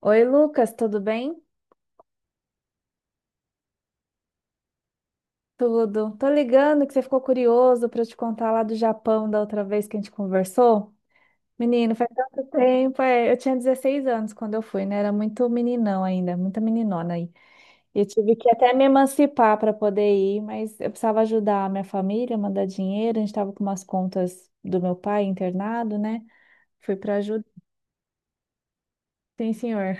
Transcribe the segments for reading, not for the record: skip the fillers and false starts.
Oi, Lucas, tudo bem? Tudo. Tô ligando que você ficou curioso para eu te contar lá do Japão da outra vez que a gente conversou. Menino, faz tanto tempo. Eu tinha 16 anos quando eu fui, né? Era muito meninão ainda, muita meninona aí. E eu tive que até me emancipar para poder ir, mas eu precisava ajudar a minha família, mandar dinheiro. A gente tava com umas contas do meu pai internado, né? Fui para ajudar. Sim, senhor.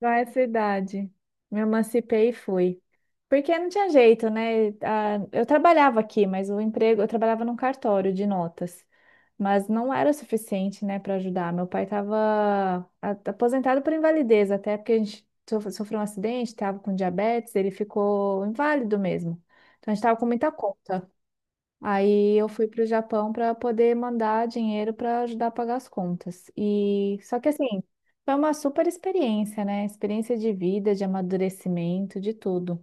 Qual é a sua idade? Me emancipei e fui. Porque não tinha jeito, né? Ah, eu trabalhava aqui, mas o emprego, eu trabalhava num cartório de notas. Mas não era o suficiente, né, para ajudar. Meu pai estava aposentado por invalidez, até porque a gente sofreu um acidente, estava com diabetes, ele ficou inválido mesmo. Então a gente estava com muita conta. Aí eu fui para o Japão para poder mandar dinheiro para ajudar a pagar as contas. E só que assim, foi uma super experiência, né? Experiência de vida, de amadurecimento, de tudo.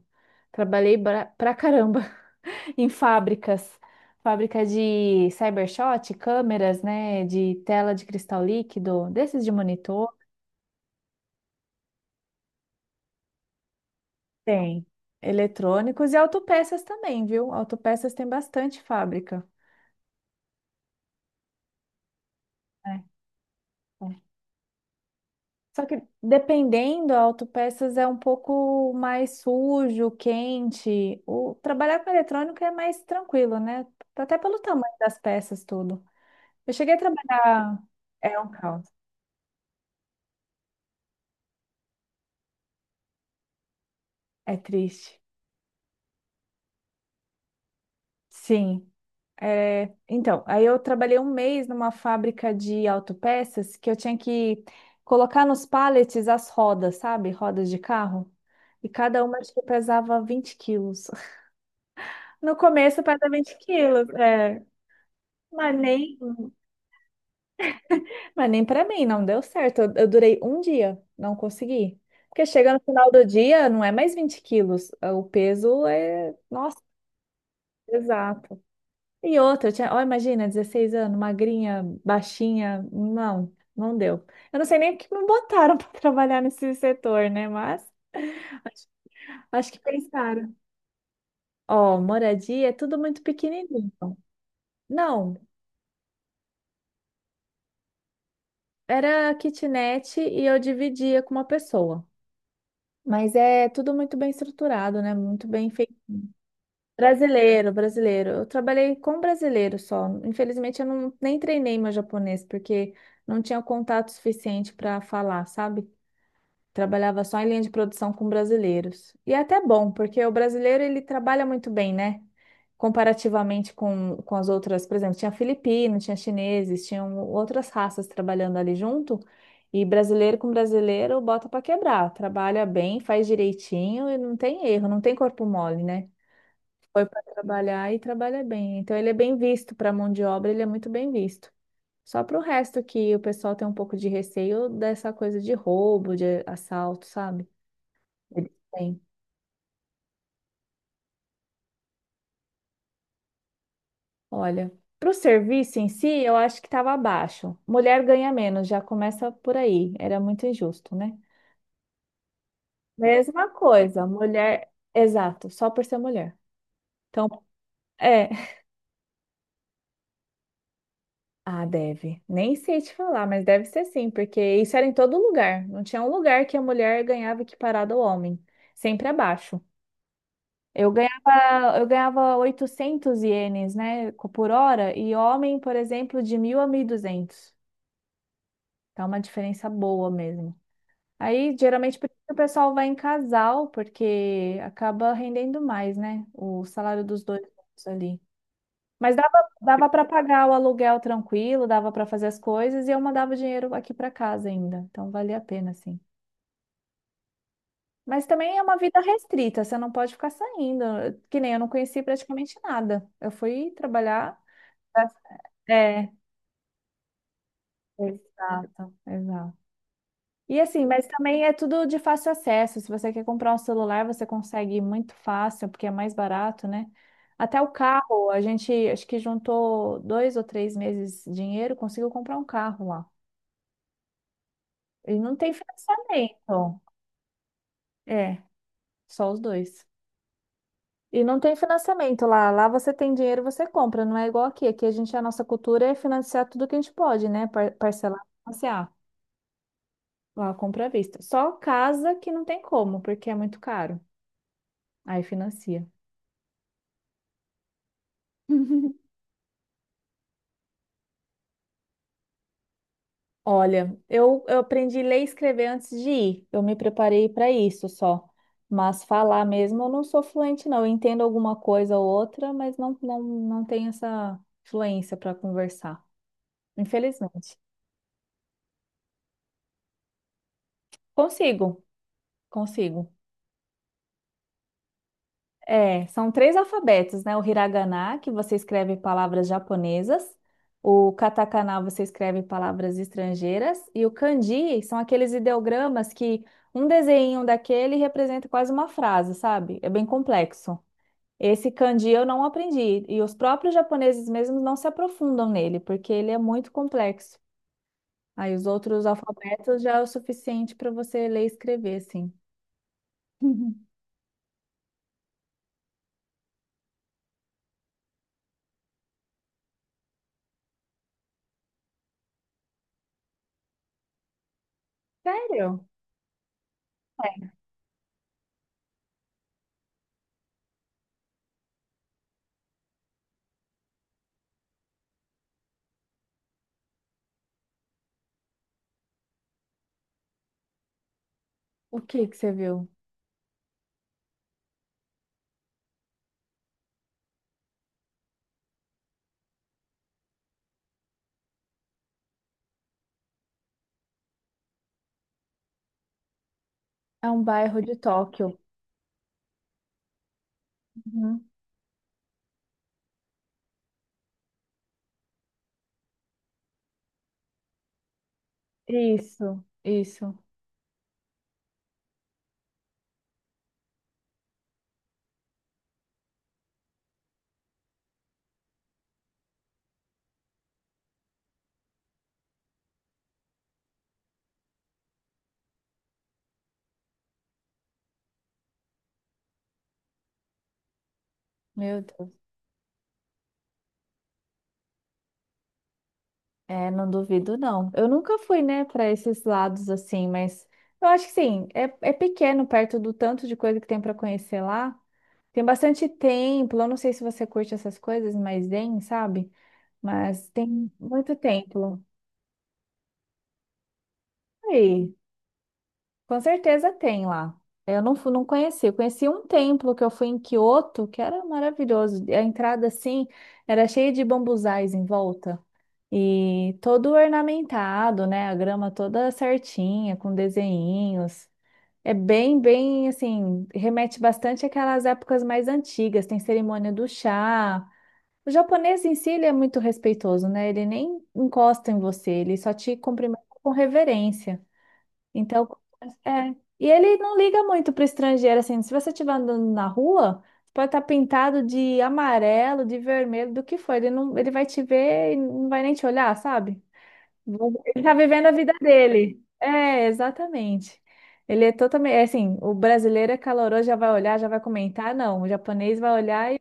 Trabalhei pra caramba em fábricas, fábrica de cybershot, câmeras, né? De tela de cristal líquido, desses de monitor. Tem eletrônicos e autopeças também, viu? Autopeças tem bastante fábrica. É. Só que dependendo, a autopeças é um pouco mais sujo, quente. O trabalhar com eletrônico é mais tranquilo, né? Até pelo tamanho das peças, tudo. Eu cheguei a trabalhar. É um caos. É triste. Sim. É, então, aí eu trabalhei um mês numa fábrica de autopeças que eu tinha que colocar nos pallets as rodas, sabe? Rodas de carro. E cada uma acho que pesava 20 quilos. No começo pesa 20 quilos. É. Mas nem, mas nem para mim, não deu certo. Eu durei um dia, não consegui. Porque chega no final do dia, não é mais 20 quilos. O peso é, nossa, exato. E outra, eu tinha, ó, imagina, 16 anos, magrinha, baixinha. Não, não deu. Eu não sei nem o que me botaram para trabalhar nesse setor, né? Mas acho que pensaram. Ó, moradia é tudo muito pequenininho. Não, era kitnet e eu dividia com uma pessoa. Mas é tudo muito bem estruturado, né? Muito bem feito. Brasileiro, brasileiro. Eu trabalhei com brasileiro só. Infelizmente, eu não, nem treinei meu japonês, porque não tinha contato suficiente para falar, sabe? Trabalhava só em linha de produção com brasileiros. E é até bom, porque o brasileiro ele trabalha muito bem, né? Comparativamente com as outras, por exemplo, tinha filipino, tinha chineses, tinham outras raças trabalhando ali junto, e brasileiro com brasileiro bota para quebrar, trabalha bem, faz direitinho e não tem erro, não tem corpo mole, né? Foi para trabalhar e trabalha bem. Então ele é bem visto para mão de obra, ele é muito bem visto. Só para o resto que o pessoal tem um pouco de receio dessa coisa de roubo, de assalto, sabe? Eles têm. Olha, para o serviço em si, eu acho que estava abaixo. Mulher ganha menos, já começa por aí. Era muito injusto, né? Mesma coisa, mulher, exato, só por ser mulher. Então, é. Ah, deve. Nem sei te falar, mas deve ser sim, porque isso era em todo lugar. Não tinha um lugar que a mulher ganhava equiparado ao homem. Sempre abaixo. Eu ganhava 800 ienes, né, por hora, e homem, por exemplo, de 1.000 a 1.200. Tá uma diferença boa mesmo. Aí, geralmente, por isso que o pessoal vai em casal, porque acaba rendendo mais, né? O salário dos dois juntos ali. Mas dava, dava para pagar o aluguel tranquilo, dava para fazer as coisas e eu mandava o dinheiro aqui para casa ainda. Então, valia a pena, sim. Mas também é uma vida restrita, você não pode ficar saindo. Que nem eu não conheci praticamente nada. Eu fui trabalhar. É, exato, exato. E assim, mas também é tudo de fácil acesso. Se você quer comprar um celular, você consegue muito fácil, porque é mais barato, né? Até o carro, a gente acho que juntou dois ou três meses de dinheiro, conseguiu comprar um carro lá. E não tem financiamento. É, só os dois. E não tem financiamento lá. Lá você tem dinheiro, você compra. Não é igual aqui. Aqui a gente, a nossa cultura é financiar tudo que a gente pode, né? Parcelar, financiar. Lá compra à vista. Só casa que não tem como, porque é muito caro. Aí financia. Olha, eu aprendi a ler e escrever antes de ir. Eu me preparei para isso só. Mas falar mesmo, eu não sou fluente, não. Eu entendo alguma coisa ou outra, mas não tenho essa fluência para conversar. Infelizmente. Consigo, consigo. É, são três alfabetos, né? O hiragana, que você escreve palavras japonesas, o katakana você escreve palavras estrangeiras, e o kanji são aqueles ideogramas que um desenho daquele representa quase uma frase, sabe? É bem complexo. Esse kanji eu não aprendi, e os próprios japoneses mesmos não se aprofundam nele, porque ele é muito complexo. Aí os outros alfabetos já é o suficiente para você ler e escrever, assim. Sério? O que que você viu? É um bairro de Tóquio. Uhum. Isso, isso. Meu Deus. É, não duvido, não. Eu nunca fui, né, para esses lados assim, mas eu acho que sim, é, é pequeno perto do tanto de coisa que tem para conhecer lá. Tem bastante templo. Eu não sei se você curte essas coisas, mas tem, sabe? Mas tem muito templo. Aí, com certeza tem lá. Eu não, não conheci. Eu conheci um templo que eu fui em Kyoto, que era maravilhoso. A entrada, assim, era cheia de bambuzais em volta. E todo ornamentado, né? A grama toda certinha, com desenhinhos. É bem assim, remete bastante àquelas épocas mais antigas. Tem cerimônia do chá. O japonês em si, ele é muito respeitoso, né? Ele nem encosta em você, ele só te cumprimenta com reverência. Então, é. E ele não liga muito para o estrangeiro, assim. Se você estiver andando na rua, pode estar pintado de amarelo, de vermelho, do que for. Ele não, ele vai te ver e não vai nem te olhar, sabe? Ele tá vivendo a vida dele. É, exatamente. Ele é totalmente, é assim, o brasileiro é caloroso, já vai olhar, já vai comentar, não. O japonês vai olhar e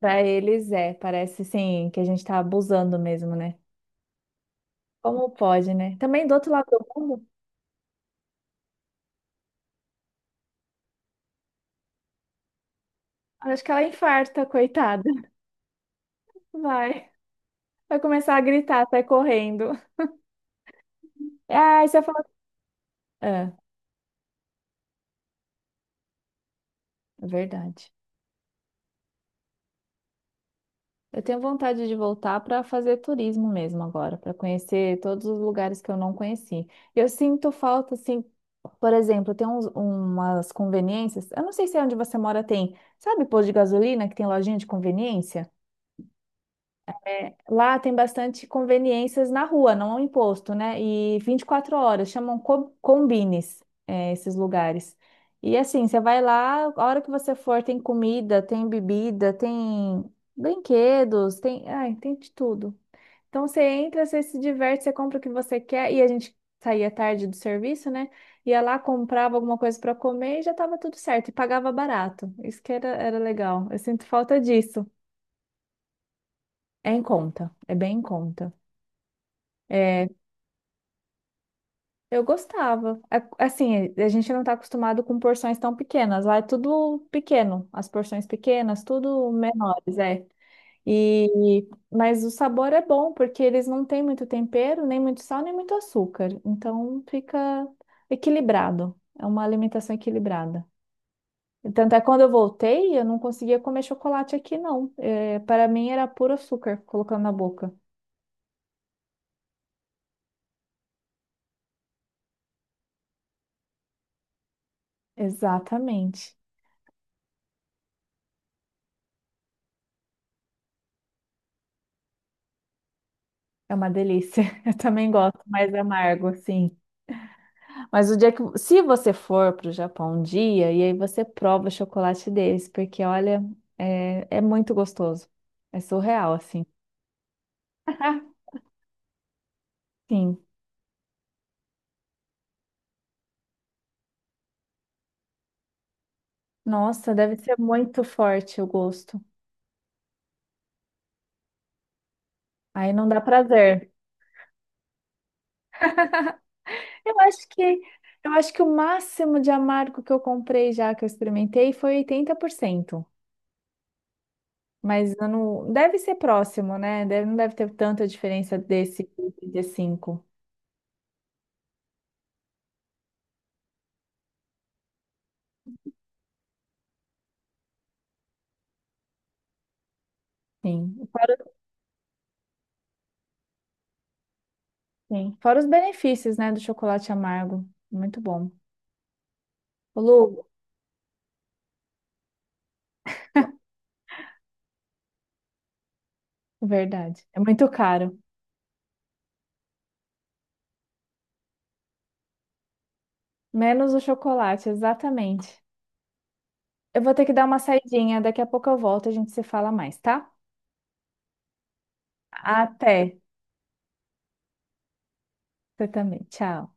para eles é, parece sim que a gente tá abusando mesmo, né? Como pode, né? Também do outro lado do mundo, acho que ela infarta, coitada. Vai, vai começar a gritar, sai correndo. Ah, e você falou. É, é verdade. Eu tenho vontade de voltar para fazer turismo mesmo agora, para conhecer todos os lugares que eu não conheci. Eu sinto falta, assim, por exemplo, tem umas conveniências. Eu não sei se é onde você mora tem, sabe, posto de gasolina que tem lojinha de conveniência? Lá tem bastante conveniências na rua, não em posto, né? E 24 horas, chamam combines, é, esses lugares. E assim, você vai lá, a hora que você for, tem comida, tem bebida, tem brinquedos, tem, ai, tem de tudo. Então você entra, você se diverte, você compra o que você quer. E a gente saía tarde do serviço, né? Ia lá, comprava alguma coisa para comer e já tava tudo certo. E pagava barato. Isso que era, era legal. Eu sinto falta disso. É em conta, é bem em conta. É, eu gostava. Assim, a gente não tá acostumado com porções tão pequenas. Lá é tudo pequeno, as porções pequenas, tudo menores, é. E, mas o sabor é bom, porque eles não têm muito tempero, nem muito sal, nem muito açúcar. Então fica equilibrado. É uma alimentação equilibrada. E tanto é que quando eu voltei, eu não conseguia comer chocolate aqui, não. É, para mim era puro açúcar colocando na boca. Exatamente. É uma delícia. Eu também gosto, mais amargo, assim. Mas o dia que, se você for para o Japão um dia, e aí você prova o chocolate deles, porque olha, é, é muito gostoso. É surreal, assim. Sim. Nossa, deve ser muito forte o gosto. Aí não dá prazer. Eu acho que eu acho que o máximo de amargo que eu comprei já que eu experimentei foi 80%. Mas eu não deve ser próximo, né? Não deve ter tanta diferença desse pro 35. Sim. Sim. Fora os benefícios, né, do chocolate amargo. Muito bom. Ô, Lu, verdade. É muito caro. Menos o chocolate, exatamente. Eu vou ter que dar uma saidinha, daqui a pouco eu volto, a gente se fala mais, tá? Até. Você também. Tchau.